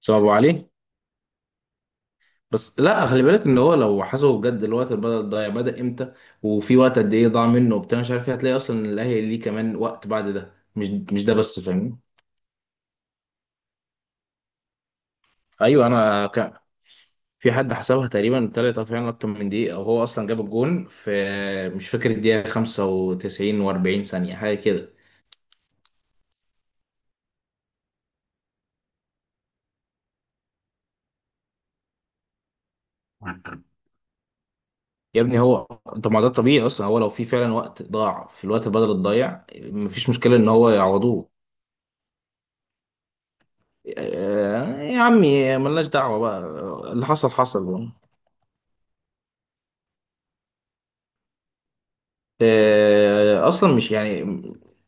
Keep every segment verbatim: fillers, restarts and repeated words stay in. صعبوا عليه. بس لا، خلي بالك ان هو لو حسبه بجد، الوقت اللي بدأ ضايع بدأ امتى وفي وقت قد ايه ضاع منه وبتاع مش عارف ايه، هتلاقي اصلا إن الاهلي ليه كمان وقت بعد ده. مش مش ده بس، فاهمني؟ ايوه انا ك... في حد حسبها تقريبا طلعت فعلا اكتر من دقيقه، او هو اصلا جاب الجون في، مش فاكر، الدقيقه خمسة وتسعين و40 ثانيه، حاجه كده. يا ابني هو، طب ما ده الطبيعي اصلا. هو لو في فعلا وقت ضاع في الوقت بدل الضايع، مفيش مشكله ان هو يعوضوه. آه، يا عمي، ملناش دعوة بقى، اللي حصل حصل. آه، أصلا مش يعني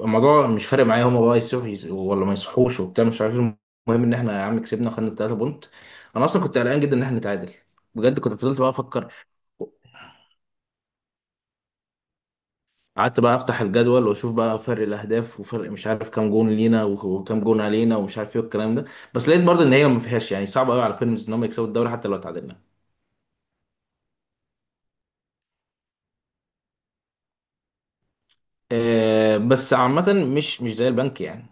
الموضوع مش فارق معايا. هما بقى يصحوا يس- ولا ما يصحوش وبتاع مش عارف إيه، المهم إن إحنا يا عم كسبنا، خدنا التلاتة بونت. أنا أصلا كنت قلقان جدا إن إحنا نتعادل، بجد. كنت فضلت بقى أفكر، قعدت بقى أفتح الجدول وأشوف بقى فرق الأهداف، وفرق مش عارف كام جون لينا وكام جون علينا ومش عارف إيه والكلام ده. بس لقيت برضه إن هي ما فيهاش، يعني صعب قوي على بيراميدز إن هم يكسبوا الدوري حتى لو تعادلنا. آه، بس عامة مش مش زي البنك يعني.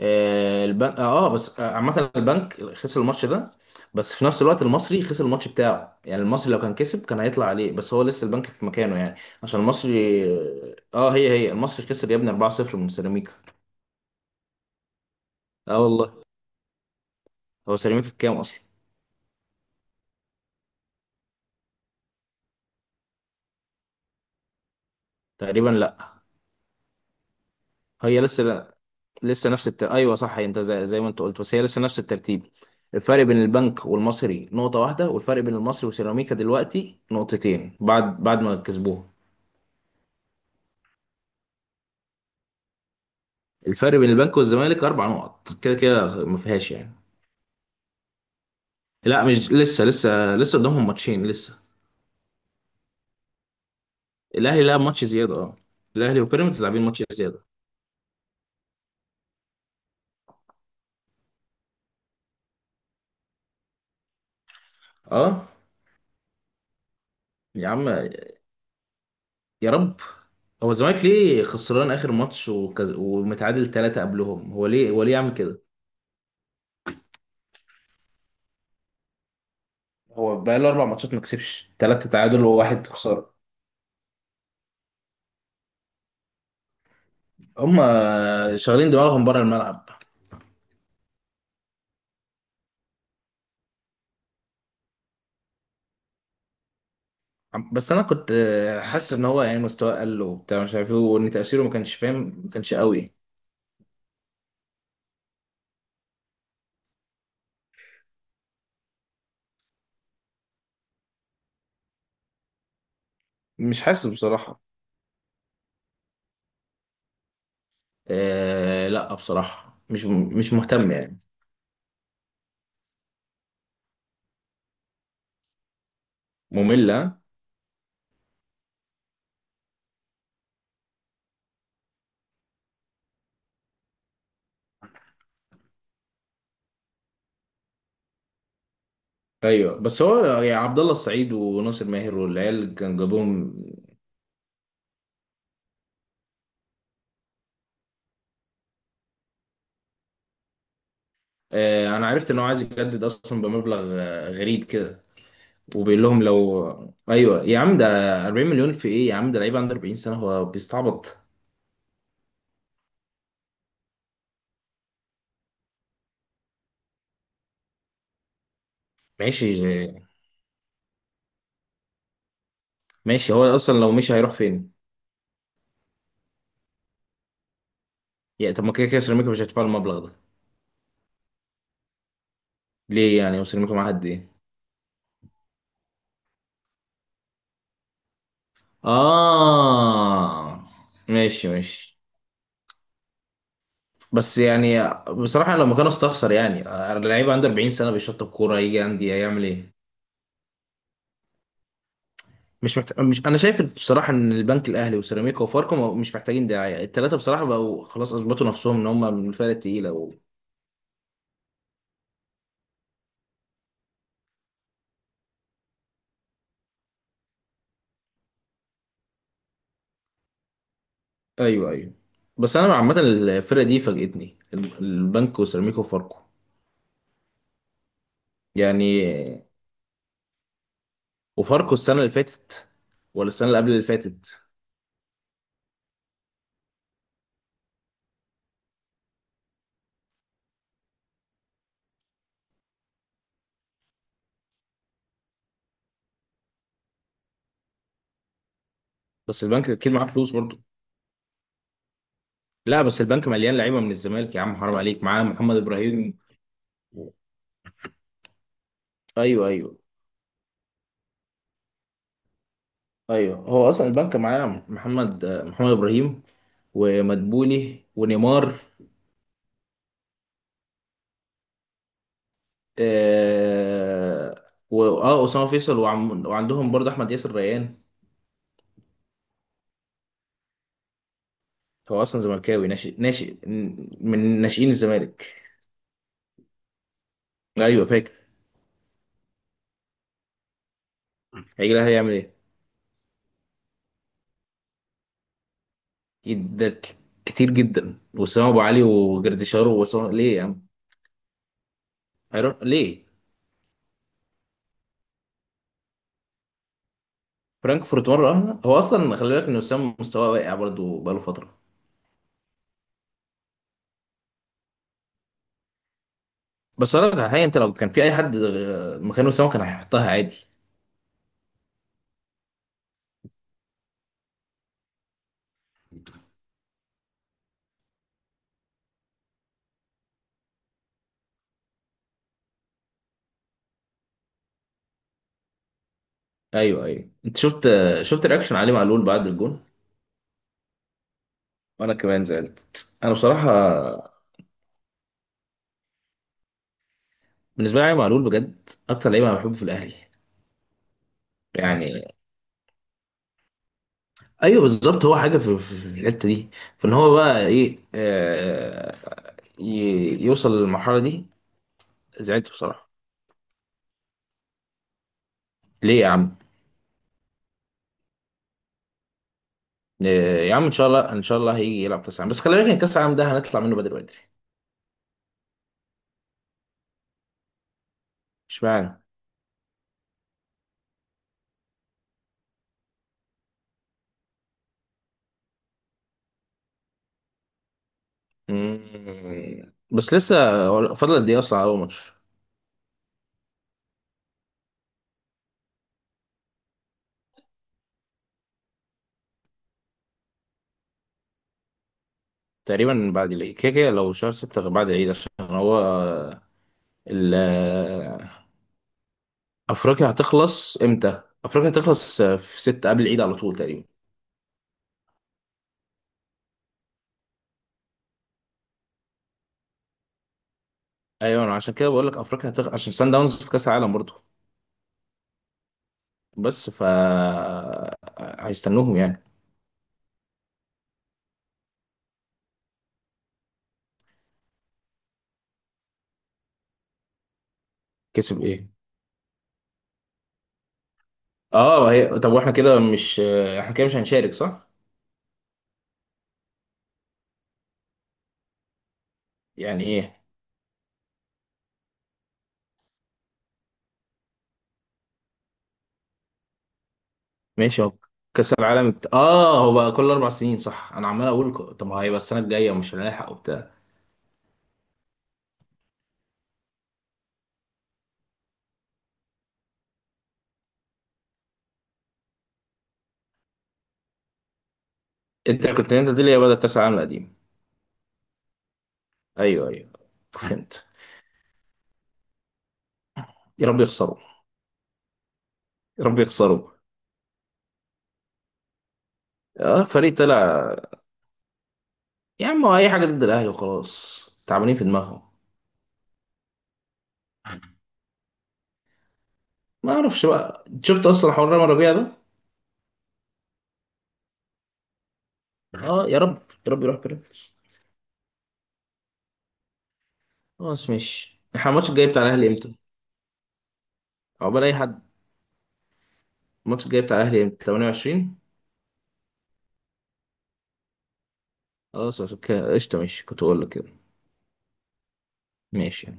آه، البنك اه آه، بس آه، عامة البنك خسر الماتش ده، بس في نفس الوقت المصري خسر الماتش بتاعه. يعني المصري لو كان كسب كان هيطلع عليه، بس هو لسه البنك في مكانه يعني. عشان المصري اه آه، هي هي، المصري خسر يا ابني اربعة صفر من سيراميكا. اه والله. هو سيراميكا كام اصلا؟ تقريبا، لا، هي لسه لا. لسه نفس التر... ايوه صح، انت زي... زي ما انت قلت، بس هي لسه نفس الترتيب. الفرق بين البنك والمصري نقطة واحدة، والفرق بين المصري وسيراميكا دلوقتي نقطتين، بعد بعد ما كسبوه. الفرق بين البنك والزمالك اربع نقط، كده كده ما فيهاش يعني. لا مش لسه لسه لسه قدامهم ماتشين لسه. الاهلي لعب ماتش زياده، اه، الاهلي وبيراميدز لاعبين ماتش زياده. اه. يا عم، يا رب. هو الزمالك ليه خسران اخر ماتش وكز... ومتعادل ثلاثه قبلهم؟ هو ليه هو ليه يعمل كده؟ هو بقى له اربع ماتشات ما كسبش، ثلاثه تعادل وواحد خساره. هم شغالين دماغهم بره الملعب. بس انا كنت حاسس ان هو يعني مستواه قل وبتاع مش عارف ايه، وان تاثيره ما كانش، فاهم، ما كانش قوي. مش حاسس بصراحه. آه لا، بصراحة مش مش مهتم يعني. مملة. ايوه، بس هو يعني عبد الله السعيد وناصر ماهر والعيال اللي كان جابوهم. آه، انا عرفت ان هو عايز يجدد اصلا بمبلغ آه، غريب كده. وبيقول لهم لو، ايوه يا عم ده. اربعين مليون في ايه يا عم؟ ده لعيب عنده اربعين سنة، هو بيستعبط. ماشي ماشي، هو اصلا لو مشي هيروح فين؟ يعني طب ما كده كده سيراميكا مش هتدفع المبلغ ده. ليه يعني؟ وسيراميكا معاها قد ايه؟ اه، ماشي ماشي. بس يعني بصراحة لو مكانه استخسر يعني. اللعيب عنده اربعين سنة، بيشطب كورة، يجي عندي هيعمل ايه؟ مش محتاج، مش، انا شايف بصراحة ان البنك الاهلي وسيراميكا وفاركو ما- مش محتاجين دعاية التلاتة، بصراحة بقوا خلاص اثبتوا نفسهم ان هم من الفرق التقيلة و... ايوه ايوه. بس انا عامة الفرقة دي فاجئتني، الب- البنك وسيراميكا وفاركو يعني. وفاركو السنة اللي فاتت، ولا السنة اللي قبل اللي فاتت. بس البنك اكيد معاه فلوس برضه. لا بس البنك مليان لعيبة من الزمالك، يا عم حرام عليك، معاه محمد ابراهيم و... ايوه ايوه. ايوه هو اصلا البنك معاه محمد محمد ابراهيم، ومدبولي ونيمار. آه و- اه اسامه فيصل، وعم وعندهم برضه احمد ياسر ريان. هو اصلا زملكاوي، ناشئ ناشئ، من ناشئين الزمالك. ايوه فاكر. هيجي لها هيعمل ايه؟ أكيد ده ك- كتير جدا، وسام ابو علي وجردشار، وسام ليه يا عم؟ هيروح ليه؟ فرانكفورت مره واحده؟ هو اصلا خلي بالك ان وسام مستواه واقع برضه بقاله فتره. بس انا الحقيقه، انت لو كان في اي حد مكان وسام كان هيحطها عادي. ايوه ايوه، انت شفت، شفت رياكشن علي معلول بعد الجون؟ وانا كمان زعلت انا، بصراحه. بالنسبه لي علي معلول بجد اكتر لعيب انا بحبه في الاهلي. يعني، ايوه بالظبط، هو حاجه في في الحته دي، فان هو بقى ايه، آه، ي- يوصل للمرحله دي. زعلت بصراحه. ليه يا عم؟ آه، يا عم ان شاء الله، ان شاء الله هيجي يلعب كاس العالم، بس خلي بالك ان كاس العالم ده هنطلع منه بدري بدري. اشمعنى؟ مم. بس لسه هو فاضل قد ايه اصلا على اول ماتش؟ تقريبا بعد العيد كده كده، لو شهر ستة غير بعد العيد، عشان هو آه، ال- آه، أفريقيا هتخلص إمتى؟ أفريقيا هتخلص آه، في ستة، قبل العيد على طول تقريبا. أيوة أنا عشان كده بقول لك أفريقيا هتخلص، عشان سان داونز في كأس العالم برضه. بس ف، هيستنوهم يعني. كسب إيه؟ أه، هي طب وإحنا كده مش، آه، إحنا كده مش هنشارك صح؟ يعني إيه؟ ماشي. هو كأس العالم بت... آه هو بقى كل أربع سنين صح؟ أنا عمال أقول ك- طب ما هيبقى السنة الجاية ومش هنلحق وبتاع. أنت كنت، أنت دي اللي هي بدأت كأس العالم القديم. ايوه ايوه، فهمت. يا رب يخسروا. يا رب يخسروا. اه، فريق طلع. يا عم هو اي حاجه ضد الاهلي وخلاص، تعبانين في دماغهم. ما اعرفش بقى، شفت اصلا حوار رامي ربيع ده؟ اه، يا رب، يا رب يروح بيراميدز. خلاص ماشي، احنا الماتش الجاي بتاع الاهلي امتى؟ عقبال اي حد. الماتش الجاي بتاع الاهلي امتى؟ تمنية وعشرين؟ خلاص عشان كده قشطه، ماشي، كنت اقول لك كده. ماشي.